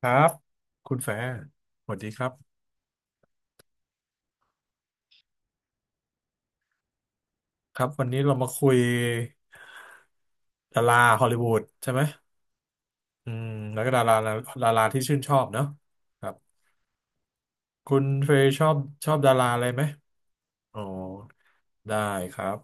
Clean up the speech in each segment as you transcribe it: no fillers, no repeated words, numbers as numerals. ครับคุณแฟร์สวัสดีครับครับวันนี้เรามาคุยดาราฮอลลีวูดใช่ไหมอืมแล้วก็ดาราที่ชื่นชอบเนอะครับคุณเฟย์ชอบดาราอะไรไหมอ๋อได้ครับ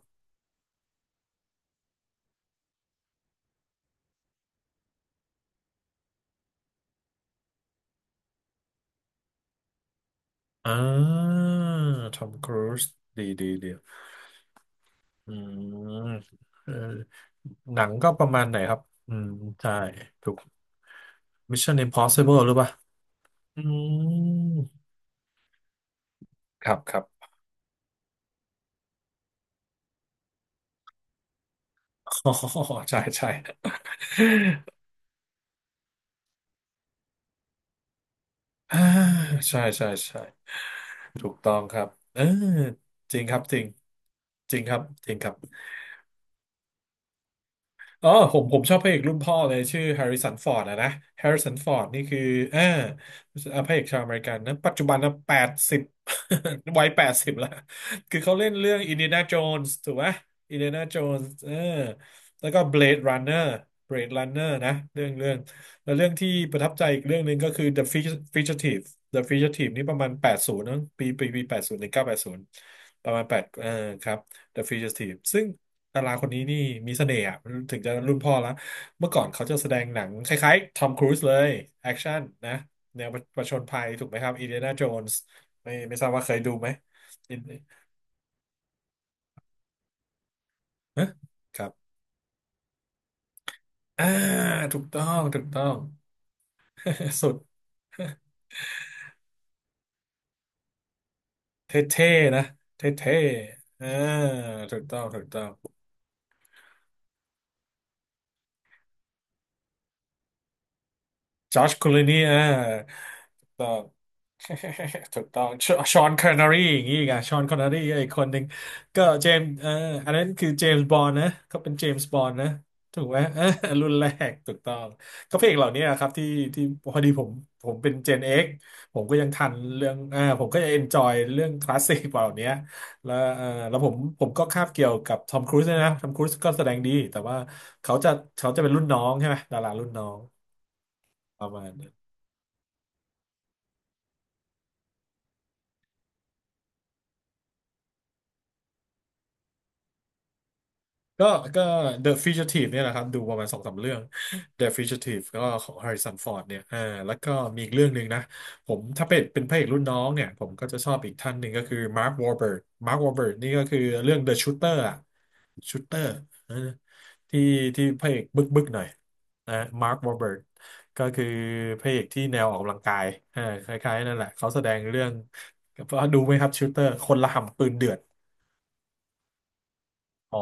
อ่าทอมครูซดีดีดีอืมเออหนังก็ประมาณไหนครับอืมใช่ถูก Mission Impossible หรือเปล่าอืมครับครับ อ๋อใช่ใช่ อ่าใช่ใช่ใช่ถูกต้องครับเออจริงครับจริงจริงครับจริงครับ อ๋อผมชอบพระเอกรุ่นพ่อเลยชื่อแฮร์ริสันฟอร์ดอะนะแฮร์ริสันฟอร์ดนี่คือเออพระเอกชาวอเมริกันนะปัจจุบันนะแปดสิบ วัยแปดสิบละคือเขาเล่นเรื่องอินเดียนาโจนส์ถูกไหมอินเดียนาโจนส์เออแล้วก็เบลดรันเนอร์เบลดรันเนอร์นะเรื่องแล้วเรื่องที่ประทับใจอีกเรื่องหนึ่งก็คือ The Fugitive The Fugitive นี่ประมาณ80ปี80 1980ประมาณแปดเออครับ The Fugitive ซึ่ง ดาราคนนี้นี่มีเสน่ห์อะถึงจะรุ่นพ่อแล้วเมื่อก่อนเขาจะแสดงหนังคล้ายๆทอมครูซเลยแอคชั่นนะแนวประชนภัยถูกไหมครับอินเดียนาโจนส์ไม่ทราบว่าเคยดูไหมอินฮะครับอ่าถูกต้องถูกต้อง สุดเท่ๆนะเท่ๆอ่าถูกต้องถูกต้องจอชคลูนี่อ่าถูกต้อง ถูกต้องชอนคอนเนอรี่อย่างนี้อีกอะชอนคอนเนอรี่อีกคนหนึ่งก็เจมส์เอออันนั้นคือเจมส์บอนด์นะเขาเป็นเจมส์บอนด์นะถูกไหมเออรุ่นแรกถูกต้องก็เพลงเหล่านี้ครับที่ที่พอดีผมผมเป็นเจนเอ็กผมก็ยังทันเรื่องอ่าผมก็จะเอนจอยเรื่องคลาสสิกเหล่านี้แล้วเออแล้วผมก็คาบเกี่ยวกับทอมครูซด้วยนะทอมครูซก็แสดงดีแต่ว่าเขาจะเขาจะเป็นรุ่นน้องใช่ไหมดารารุ่นน้องประมาณ ก็ก็ The Fugitive เนี่ยแหละครับดูประมาณสองสามเรื่อง The Fugitive ก็ของ Harrison Ford เนี่ยอ่าแล้วก็มีอีกเรื่องหนึ่งนะผมถ้าเป็นพระเอกรุ่นน้องเนี่ยผมก็จะชอบอีกท่านหนึ่งก็คือ Mark Wahlberg Mark Wahlberg นี่ก็คือเรื่อง The Shooter อะ Shooter เออที่ที่พระเอกบึกบึกหน่อยนะ Mark Wahlberg ก็คือพระเอกที่แนวออกกำลังกายอ่าคล้ายๆนั่นแหละเขาแสดงเรื่องดูไหมครับ Shooter คนระห่ำปืนเดือดอ๋อ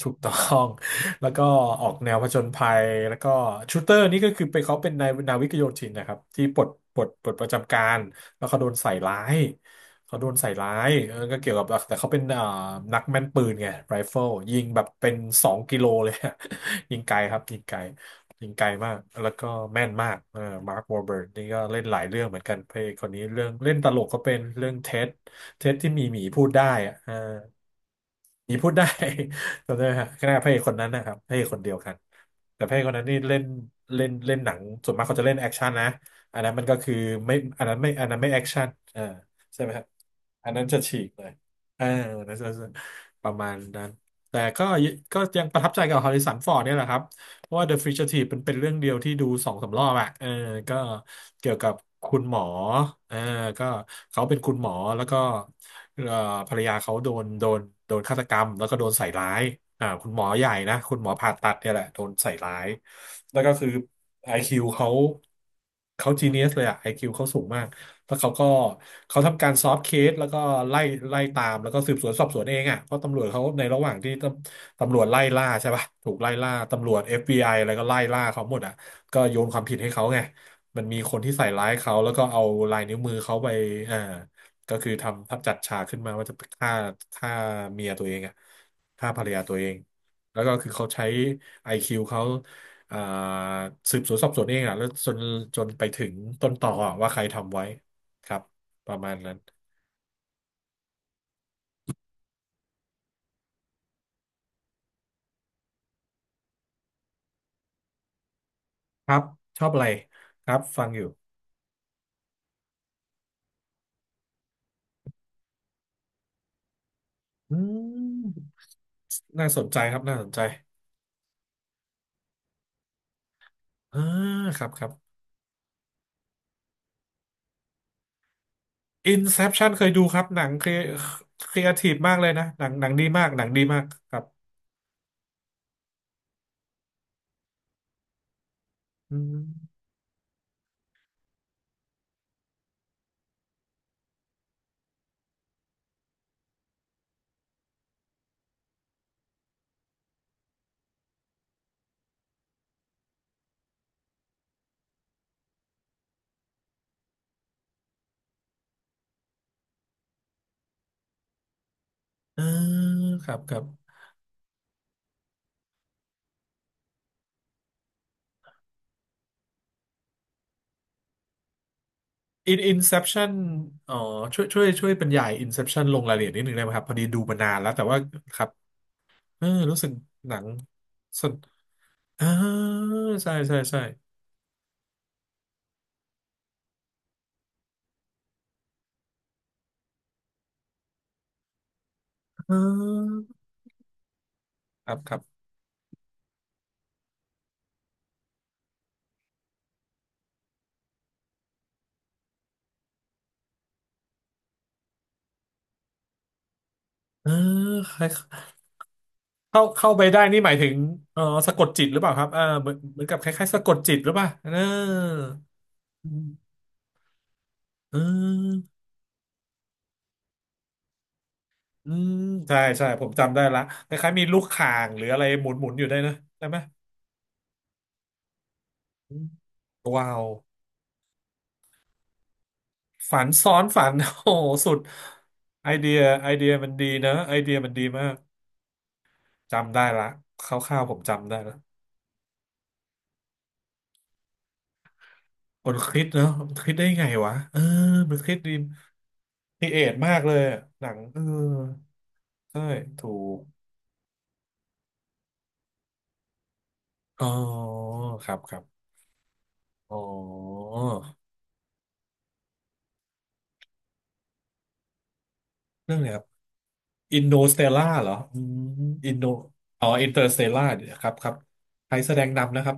ถูกต้อง แล้วก็ออกแนวผจญภัยแล้วก็ชูเตอร์นี่ก็คือไปเขาเป็นนายนาวิกโยธินนะครับที่ปลดปลดประจำการแล้วเขาโดนใส่ร้ายเขาโดนใส่ร้ายเออก็เกี่ยวกับแต่เขาเป็นนักแม่นปืนไงไรเฟิลยิงแบบเป็น2 กิโลเลย ยิงไกลครับยิงไกลยิงไกลมากแล้วก็แม่นมากเออมาร์ควอร์เบิร์นี่ก็เล่นหลายเรื่องเหมือนกันเพลงคนนี้เรื่องเล่นตลกก็เป็นเรื่องเท็ดเท็ดที่มีหมีพูดได้อะเออ นี่พูดได้ จำได้ฮะแค่พระเอกคนนั้นนะครับพระเอกคนเดียวกันแต่พระเอกคนนั้นนี่เล่นเล่นเล่นหนังส่วนมากเขาจะเล่นแอคชั่นนะอันนั้นมันก็คือไม่อันนั้นไม่อันนั้นไม่แอคชั่นอ่าใช่ไหมครับอันนั้นจะฉีกเลยเอออันนั้นจะประมาณนั้นแต่ก็ก็ยังประทับใจกับฮอริสันฟอร์ดเนี่ยแหละครับ เพราะว่า The Fugitive มันเป็นเรื่องเดียวที่ดูสองสามรอบอ่ะเออก็เกี่ยวกับคุณหมอเออก็เขาเป็นคุณหมอแล้วก็เอ่อภรรยาเขาโดนโดนฆาตกรรมแล้วก็โดนใส่ร้ายอ่าคุณหมอใหญ่นะคุณหมอผ่าตัดเนี่ยแหละโดนใส่ร้าย แล้วก็คือ IQ เขาเขาจีเนียสเลยอ่ะ IQ เขาสูงมาก แล้วเขาก็เขาทำการซอฟต์เคสแล้วก็ไล่ไล่ตามแล้วก็สืบสวนสอบสวนเองอ่ะเพราะตำรวจเขาในระหว่างที่ตำรวจไล่ล่าใช่ป่ะถูกไล่ล่าตำรวจเอฟบีไออะไรก็ไล่ล่าเขาหมดอ่ะก็โยนความผิดให้เขาไงมันมีคนที่ใส่ร้ายเขาแล้วก็เอาลายนิ้วมือเขาไปอ่าก็คือทำทับจัดฉากขึ้นมาว่าจะฆ่าฆ่าเมียตัวเองอะฆ่าภรรยาตัวเองแล้วก็คือเขาใช้ไอคิวเขาอ่าสืบสวนสอบสวนเองอะแล้วจนไปถึงต้นตออะว่าใครทำไว้ ครับประมาณนั้นครับชอบอะไรครับฟังอยู่อืมน่าสนใจครับน่าสนใจอ่าครับครับ Inception เคยดูครับหนังครีครีเอทีฟมากเลยนะหนังดีมากหนังดีมากครับอืมอ่าครับครับ Inception อ๋อช่วยบรรยาย Inception ลงรายละเอียดนิดนึงได้ไหมครับพอดีดูมานานแล้วแต่ว่าครับเออรู้สึกหนังสนอ่าใช่ใช่ใช่อ่าครับครับเออคล้าย เข้าไปได้นี่หมายถึงเออสะกดจิตหรือเปล่าครับเเหมือนกับคล้ายๆสะกดจิตหรือเปล่าเอออืมอืมอืมใช่ใช่ผมจำได้ละคล้ายๆมีลูกข่างหรืออะไรหมุนอยู่ได้วยนะใช่ไหมอืมว้าวฝันซ้อนฝัน โอ้โหสุดไอเดียมันดีนะไอเดียมันดีมากจำได้ละคร่าวๆผมจำได้ละมันคิดเนาะมันคิดได้ไงวะเออมันคิดดีครีเอทมากเลยอะหนังเออใช่ถูก อ๋อครับครับอ๋อเรื่องอะไรครับอินโดสเตล่าเหรออืมอินโดอ๋ออินเตอร์สเตล่าครับครับใครแสดงนำนะครับ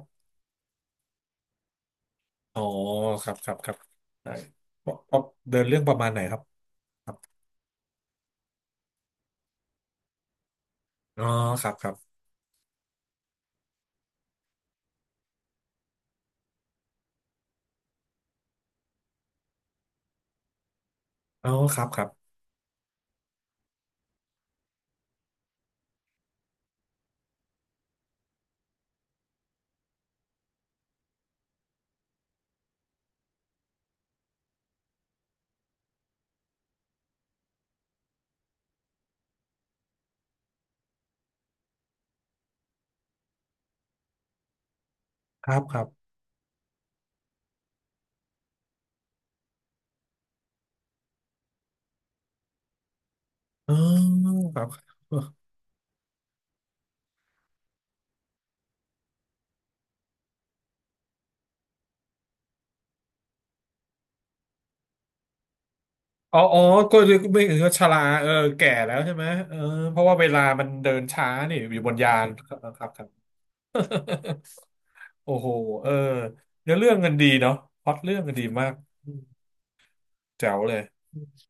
อ๋อครับครับครับได้เพราะเดินเรื่องประมาณไหนครับครับอ๋อครับครับอ๋อครับครับครับครับอ๋อครับ อ๋อ อ๋อก็ไม่ก็ชราเออแก่แล้วใช่ไหมเออเพราะว่าเวลามันเดินช้านี่อยู่บนยานครับครับ โอ้โหเออเนื้อเรื่องกันดีเนาะพล็อตเรื่องกันดีมากอืมแจ๋วเลย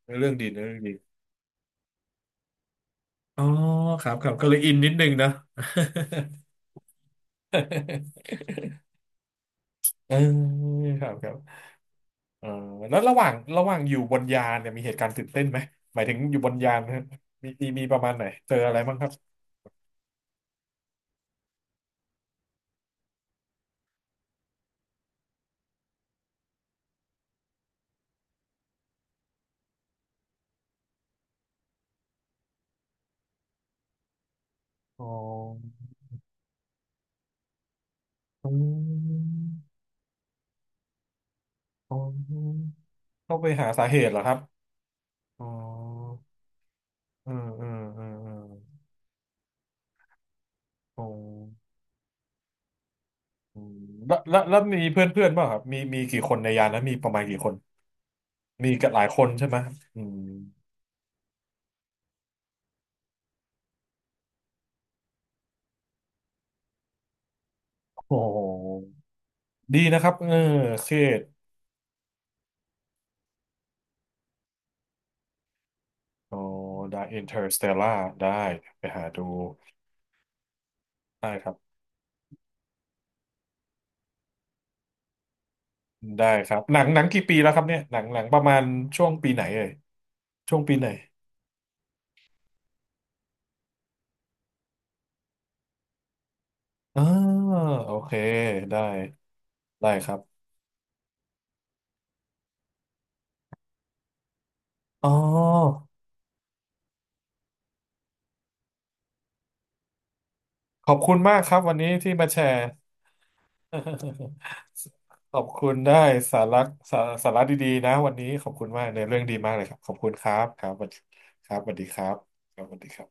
เนื้อเรื่องดีเนื้อเรื่องดีอ๋อครับครับก็เลยอินนิดนึงนะ เออครับครับเออแล้วระหว่างอยู่บนยานเนี่ยมีเหตุการณ์ตื่นเต้นไหมหมายถึงอยู่บนยานนะมีมีประมาณไหนเจออะไรบ้างครับอ๋ออืมอ๋อต้องไปหาสาเหตุเหรอครับอ๋อเออเออเออเอออ๋อ อืมแล้วมีเพื่อนเพื่อนป่ะครับกี่คนในยานแล้วมีประมาณกี่คนมีกันหลายคนใช่ไหมอืมโอ้โหดีนะครับเออเครียดโอ้ได้อินเตอร์สเตลได้ไปหาดูได้ครับได้ครับหนังกี่ปีแล้วครับเนี่ยหนังประมาณช่วงปีไหนเอ่ยช่วงปีไหนอ่าโอเคได้ได้ครับอ๋อขอบคุณมากครับวันนี้ที่มาแชร์ ขอบคุณได้สาระสาสาระดีๆนะวันนี้ขอบคุณมากในเรื่องดีมากเลยครับขอบคุณครับครับสวัสดีครับสวัสดีครับครับสวัสดีครับ